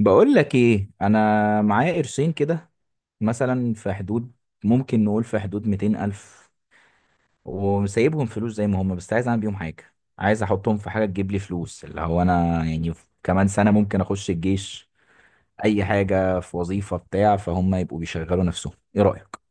بقول لك ايه. انا معايا قرشين كده، مثلا في حدود. ممكن نقول في حدود 200 الف. وسايبهم فلوس زي ما هم، بس عايز اعمل بيهم حاجه. عايز احطهم في حاجه تجيب لي فلوس، اللي هو انا يعني كمان سنه ممكن اخش الجيش. اي حاجه في وظيفه بتاع، فهم يبقوا بيشغلوا نفسهم. ايه رايك؟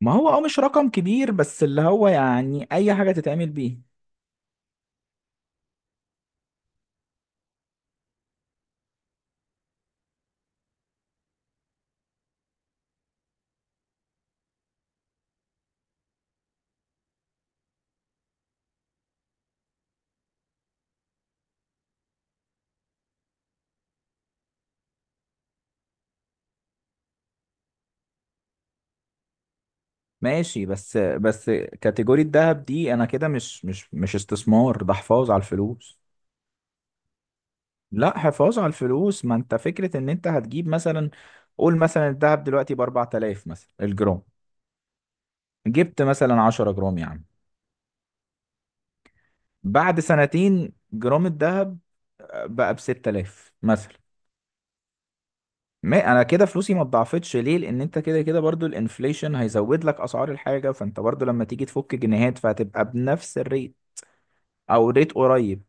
ما هو، اه، مش رقم كبير، بس اللي هو يعني اي حاجه تتعمل بيه. ماشي. بس كاتيجوري الذهب دي انا كده مش استثمار، ده حفاظ على الفلوس. لا، حفاظ على الفلوس. ما انت فكرة ان انت هتجيب مثلا، قول مثلا الذهب دلوقتي ب 4000 مثلا الجرام. جبت مثلا 10 جرام يا عم. بعد سنتين جرام الذهب بقى ب 6000 مثلا. ما انا كده فلوسي ما اتضاعفتش ليه، لان انت كده كده برضو الانفليشن هيزود لك اسعار الحاجة، فانت برضو لما تيجي تفك جنيهات فهتبقى بنفس الريت، او ريت قريب.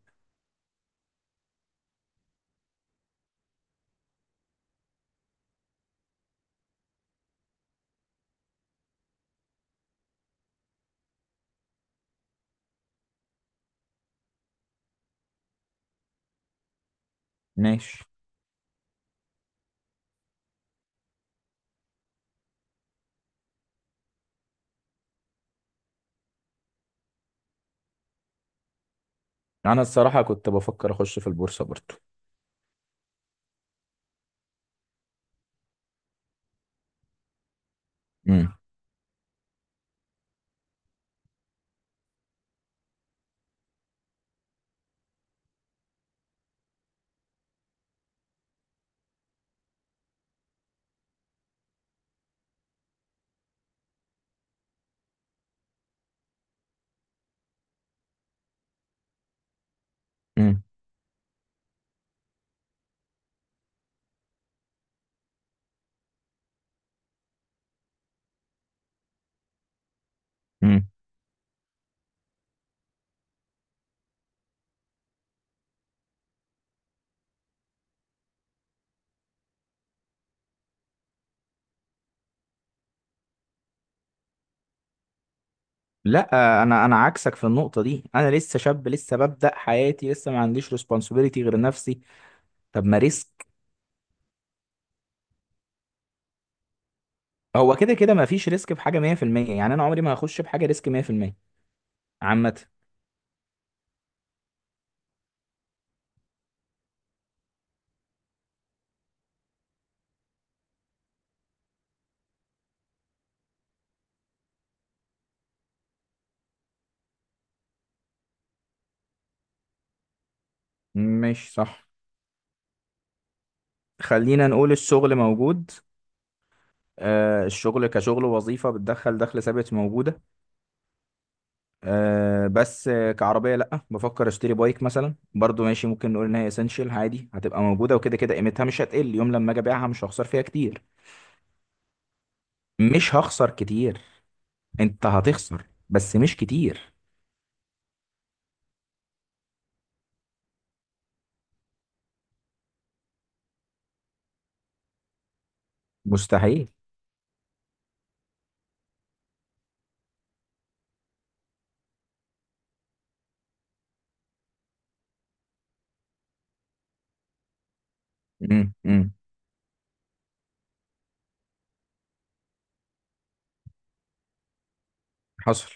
ماشي. انا الصراحة كنت بفكر اخش في البورصة برضو. امم. لا، انا عكسك في النقطه دي. انا لسه شاب، لسه ببدا حياتي، لسه ما عنديش ريسبونسبيلتي غير نفسي. طب ما ريسك. هو كده كده ما فيش ريسك في حاجه 100%. يعني انا عمري ما هخش بحاجه ريسك 100%. عامه. مش صح. خلينا نقول الشغل موجود. آه، الشغل كشغل وظيفه بتدخل دخل ثابت موجوده. آه بس كعربيه لا. بفكر اشتري بايك مثلا برضو، ماشي، ممكن نقول ان هي اسينشال عادي، هتبقى موجوده وكده كده قيمتها مش هتقل. يوم لما اجي ابيعها مش هخسر فيها كتير. مش هخسر كتير. انت هتخسر بس مش كتير. مستحيل. امم، امم. حصل.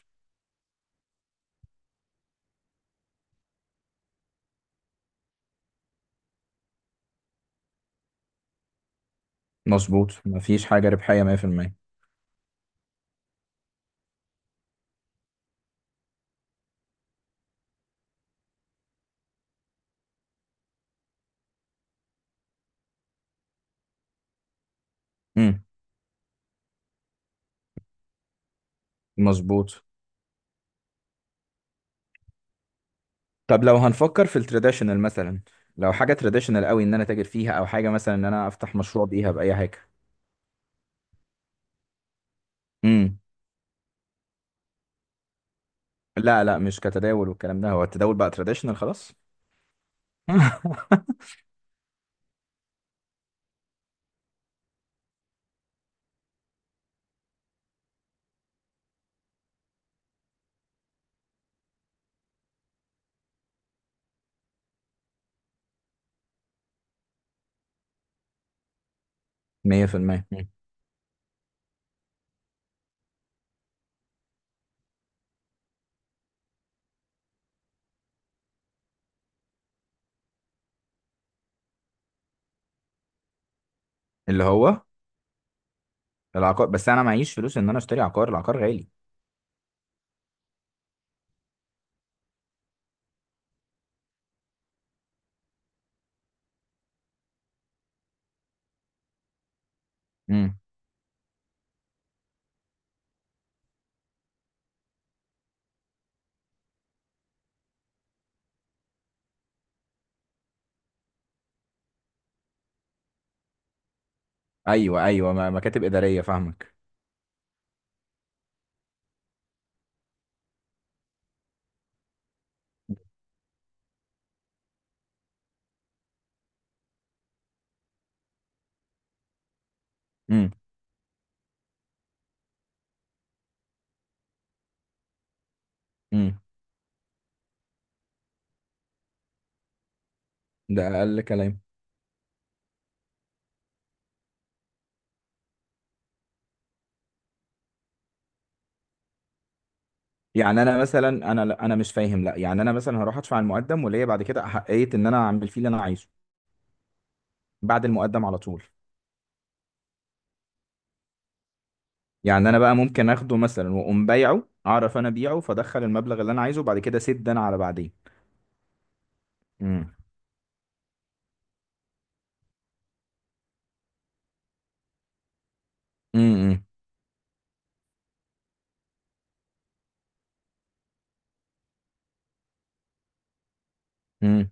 مظبوط، مفيش حاجة ربحية 100%. امم، مظبوط. طب لو هنفكر في التراديشنال مثلا. لو حاجة تراديشنال قوي ان انا تاجر فيها، او حاجة مثلا ان انا افتح مشروع بيها بأي حاجة. امم. لا لا، مش كتداول والكلام ده. هو التداول بقى تراديشنال خلاص. 100%. مم. اللي هو العقار. بس انا معيش فلوس ان انا اشتري عقار، العقار غالي. امم. ايوه ايوه، مكاتب إدارية، فاهمك. امم، امم. ده اقل كلام. يعني انا مثلا انا مش فاهم. لا يعني انا مثلا هروح ادفع المقدم، وليا بعد كده احقيه ان انا اعمل فيه اللي انا عايزه. بعد المقدم على طول. يعني انا بقى ممكن اخده مثلا واقوم بايعه، اعرف انا ابيعه، فادخل المبلغ اللي انا عايزه، وبعد كده اسد انا على بعدين. امم، امم، امم.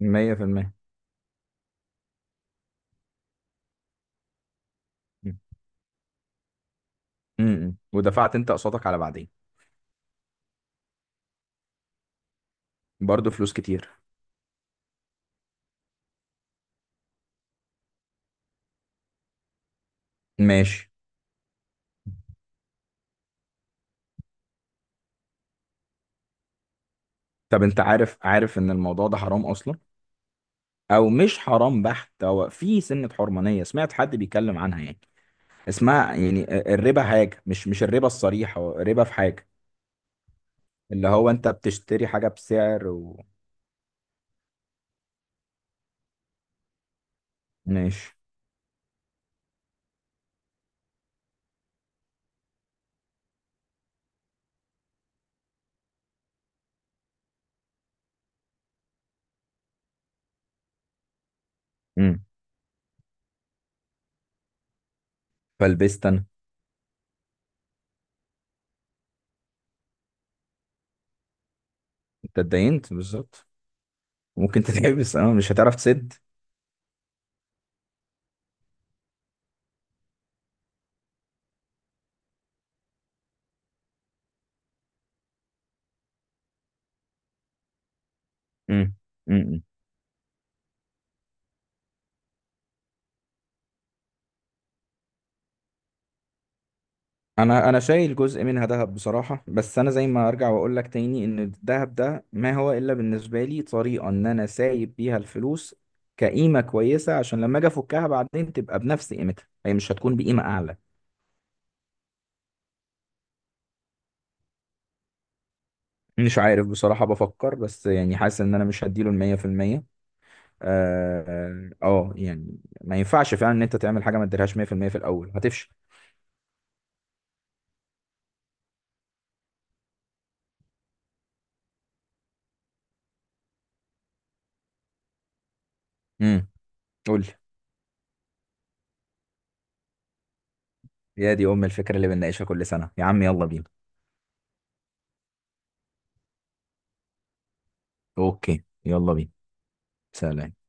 100%. امم، ودفعت انت قسطك على بعدين. برضه فلوس كتير. ماشي. طب انت عارف ان الموضوع ده حرام اصلا. او مش حرام بحت، هو في سنة حرمانية سمعت حد بيتكلم عنها يعني، اسمها يعني الربا. حاجة مش الربا الصريح، هو ربا في حاجة. اللي هو انت بتشتري حاجة بسعر و، ماشي. امم. فلبست انا. انت اتدينت بالظبط. ممكن تتحبس، اه، مش هتعرف تسد. امم، امم. انا شايل جزء منها ذهب بصراحة. بس انا زي ما ارجع واقول لك تاني، ان الذهب ده ما هو الا بالنسبة لي طريقة ان انا سايب بيها الفلوس كقيمة كويسة، عشان لما اجي افكها بعدين تبقى بنفس قيمتها، هي مش هتكون بقيمة اعلى. مش عارف بصراحة، بفكر، بس يعني حاسس ان انا مش هديله المية في المية. اه. يعني ما ينفعش فعلا ان انت تعمل حاجة ما تديلهاش مية في المية، في الاول هتفشل. امم. قول لي. يا دي ام الفكرة اللي بنناقشها كل سنة يا عم، يلا بينا. اوكي، يلا بينا. سلام.